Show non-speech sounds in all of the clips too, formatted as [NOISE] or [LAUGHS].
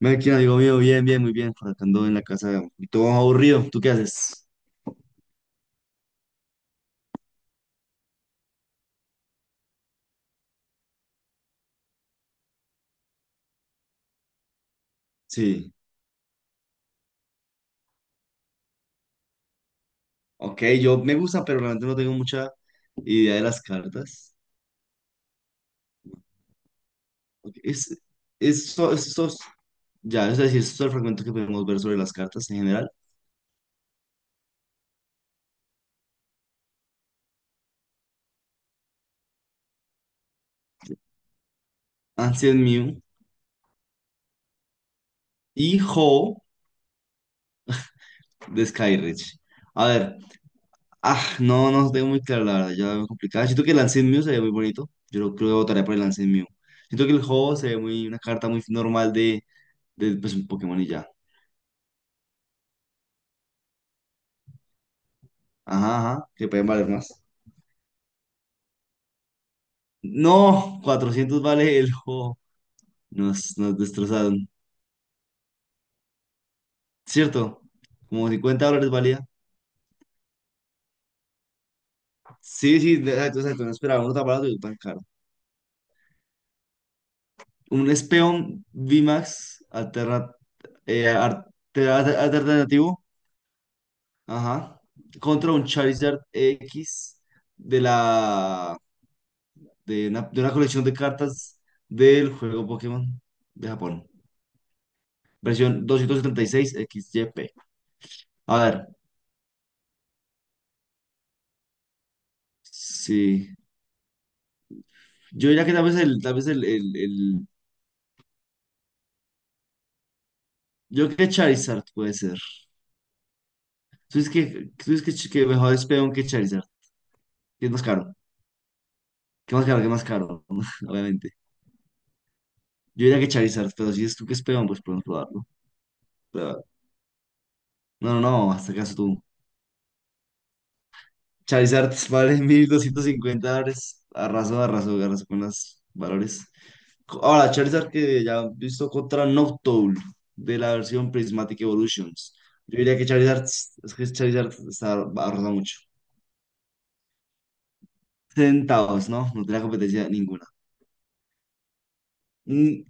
Melkin, amigo mío, bien, bien, muy bien. Por acá ando en la casa y todo aburrido. ¿Tú qué haces? Sí. Ok, yo me gusta, pero realmente no tengo mucha idea de las cartas. Ok, es, so- es so- ya, es decir, es todo el fragmento que podemos ver sobre las cartas en general. Ancient Mew y Ho de Skyreach. A ver, ah, no, no tengo muy claro, la verdad, ya veo complicada. Siento que el Ancient Mew se ve muy bonito. Yo creo que votaría por el Ancient Mew. Siento que el Ho se ve muy, una carta muy normal de, pues, un Pokémon y ya. Ajá, ajá, que pueden valer más. No, 400 vale el juego. Nos destrozaron. ¿Cierto? Como $50 valía. Sí, sí, exacto, exacto. No esperaba uno tan barato y tan caro. Un Speon VMAX alternativo. Ajá. Contra un Charizard X de la de una colección de cartas del juego Pokémon de Japón. Versión 276 XYP. A ver. Sí. Yo diría que tal vez el. Yo creo que Charizard puede ser. Tú dices que mejor es Speon que Charizard. ¿Que es más caro? ¿Qué más caro? ¿Qué más caro? [LAUGHS] Obviamente. Yo diría que Charizard, pero si es tú que es Speon, pues podemos probarlo. Pero- no, no, no, no, hasta acaso tú. Charizard [LAUGHS] vale $1,250. Arraso, arraso, arraso con los valores. Ahora, Charizard que ya he visto contra Noctowl de la versión Prismatic Evolutions. Yo diría que Charizard, es que Charizard está arrasando mucho. Sentados, ¿no? No tenía competencia ninguna. Mm,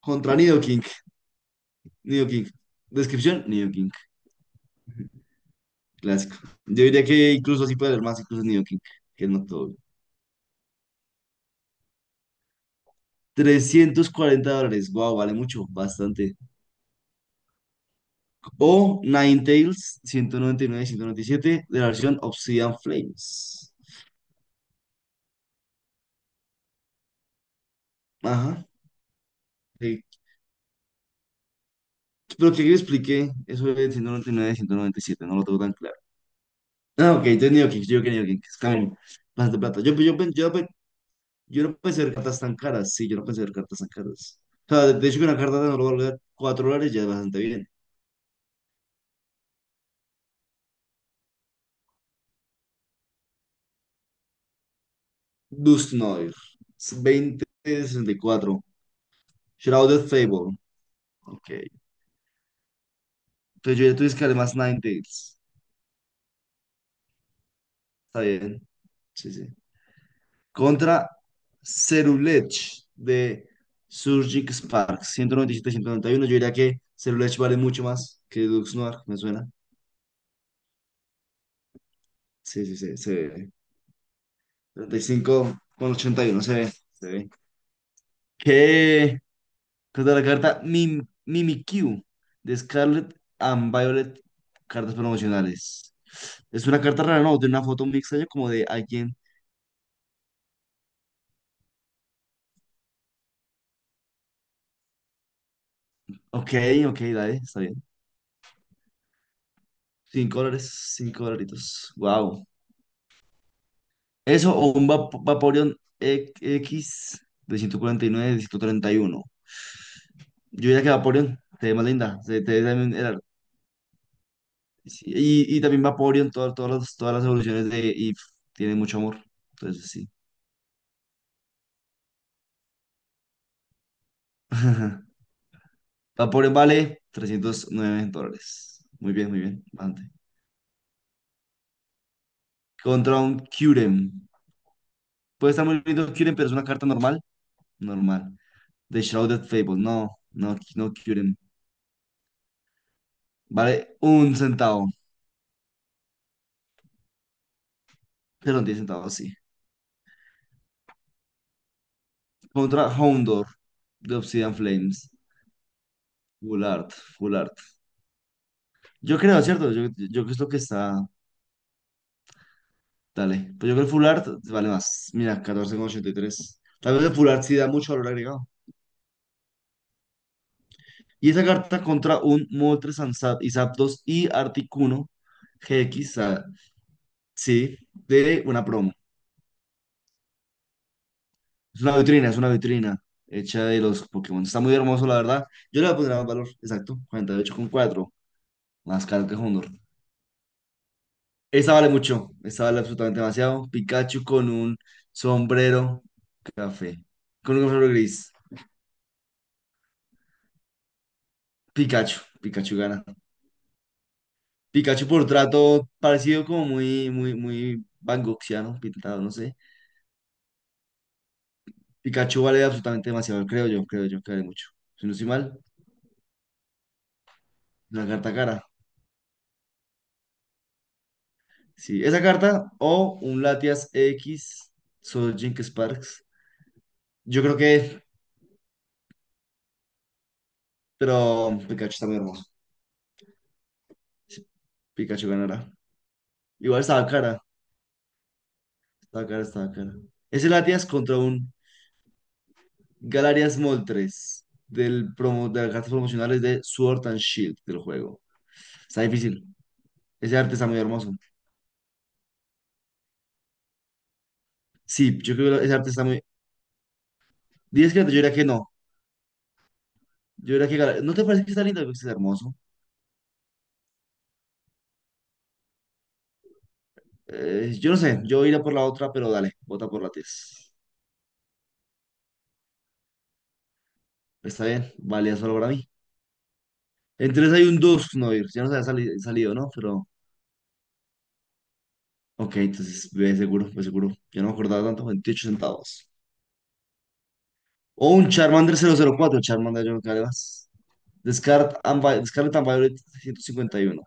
Contra Nido King. Nido King. Descripción, Nido King. Clásico. Yo diría que incluso así puede haber más, incluso Nido King, que no todo. $340. Wow, vale mucho, bastante. O Ninetales, 199/197 de la versión Obsidian Flames. Ajá. Sí. Pero que yo expliqué, eso es ciento noventa y nueve, ciento noventa y siete, no lo tengo tan claro. Ah, ok, entonces Nido King, yo creo que Nido King, es camino. Bastante plata. Yo no pensé ver cartas tan caras. Sí, yo no pensé ver cartas tan caras. O sea, de, hecho, que una carta de no valga $4 ya es bastante bien. Dust Noir. 20.64. Shrouded Fable. Ok. Entonces yo ya tuve que además Ninetales. Está bien. Sí, sí. Contra Cerulege de Surgic Spark. 197/191. Yo diría que Cerulege vale mucho más que Dux Noir. Me suena. Sí, sí, sí. Se ve. 35,81. Se ve. Se ve. ¿Qué? Carta de la carta Mimikyu de Scarlet and Violet, cartas promocionales. Es una carta rara, ¿no? De una foto muy extraña como de alguien. Ok, ok, dale, está bien. $5, cinco dolaritos. Wow. Eso o un Vaporeon E- X de 149, de 131. Yo diría que Vaporeon te ve más linda. Se te ve también. Sí, y también Vaporeon, todas las evoluciones de Eve tienen mucho amor. Entonces, sí. [LAUGHS] Vaporeon vale $309. Muy bien, muy bien. Adelante. Contra un Kyurem. Puede estar muy lindo Kyurem, pero es una carta normal. Normal. The Shrouded Fable. No, no, no Kyurem. Vale un centavo. Perdón, 10 centavos, sí. Contra Houndor de Obsidian Flames. Full art, full art. Yo creo, ¿cierto? Yo creo que es lo que está. Dale. Pues yo creo que el full art vale más. Mira, 14,83. Tal vez el full art sí da mucho valor agregado. Y esa carta contra un Moltres Zap y Zapdos y Articuno GX, ah, sí, de una promo. Es una vitrina hecha de los Pokémon. Está muy hermoso, la verdad. Yo le voy a poner más valor, exacto, 48,4, más caro que Honor. Esta vale mucho, esta vale absolutamente demasiado. Pikachu con un sombrero café, con un sombrero gris. Pikachu, Pikachu gana. Pikachu por trato parecido como muy, muy, muy Van Goghsiano, pintado, no sé. Pikachu vale absolutamente demasiado, creo yo que vale mucho. Si no estoy mal, la carta cara. Sí, esa carta o un Latias X, solo Jink Sparks. Yo creo que, pero Pikachu está muy hermoso. Sí, Pikachu ganará. Igual estaba cara, estaba cara, estaba cara. Ese Latias contra un Galarias Moltres del promo, de las cartas promocionales de Sword and Shield del juego. Está difícil. Ese arte está muy hermoso. Sí, yo creo que ese arte está muy. 10 que yo diría que no. Yo diría que ¿No te parece que está lindo? Que está hermoso. Yo no sé, yo iré por la otra, pero dale, vota por la 10. Está bien, valía solo para mí. En 3 hay un 2 no, ir. Ya no se había salido, ¿no? Pero, ok, entonces, ve seguro, ve seguro. Yo no me acordaba tanto, 28 centavos. O un Charmander 004 Charmander, yo no creo que vale más. Scarlet and Violet 151.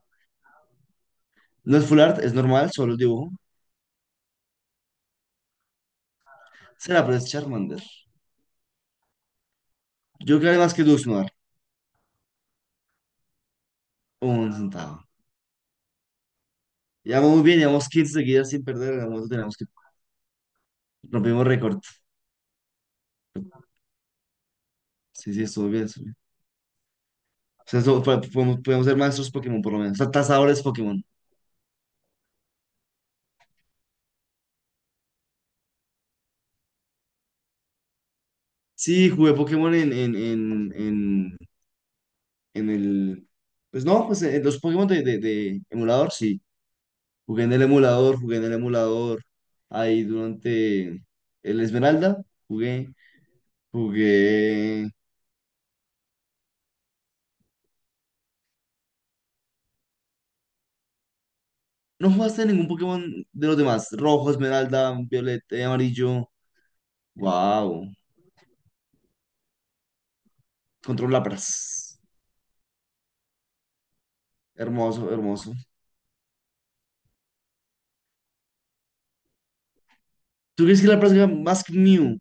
No es full art, es normal, solo el dibujo. Será, pero es Charmander. Yo creo que vale más que Dusk Noir. Un centavo. Llevamos muy bien, llevamos 15 seguidas sin perder. En algún momento tenemos que. Rompimos récord. Sí, sí, estuvo bien, estuvo bien. O sea, podemos ser maestros Pokémon por lo menos. Tasadores Pokémon. Sí, jugué Pokémon en el. Pues no, pues en los Pokémon de emulador, sí. Jugué en el emulador, jugué en el emulador. Ahí durante el Esmeralda, jugué, jugué. ¿No jugaste ningún Pokémon de los demás? Rojo, Esmeralda, Violeta, Amarillo. Wow. Control Lapras. Hermoso, hermoso. ¿Tú crees que la próxima más que Mew?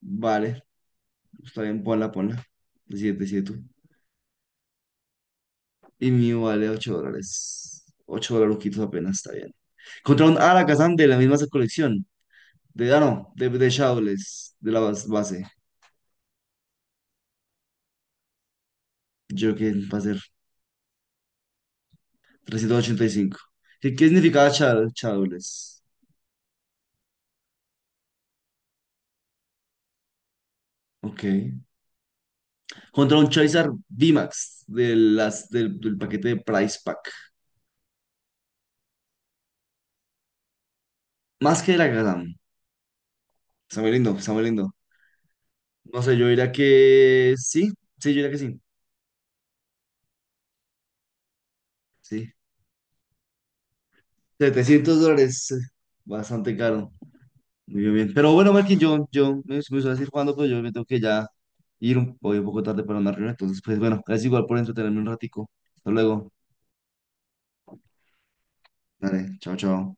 Vale, está bien, ponla, ponla. Decide, decide tú. Y Mew vale $8. 8 dolaruquitos apenas, está bien. Contra un Alakazam de la misma colección. De, ah, no, de Shadowless, de la base. Yo creo que va a ser 385. ¿Qué significaba Shadowless? Ok. Contra un Charizard VMAX del paquete de Price Pack. Más que el Alakazam. Está muy lindo, está muy lindo. No sé, yo diría que sí. Sí, yo diría que sí. Sí, $700, bastante caro. Muy bien, bien. Pero bueno, Marquín, yo me suelo decir cuando, pero yo me tengo que ya ir un, voy un poco tarde para una reunión. Entonces, pues bueno, gracias igual por entretenerme un ratico. Hasta luego. Dale, chao, chao.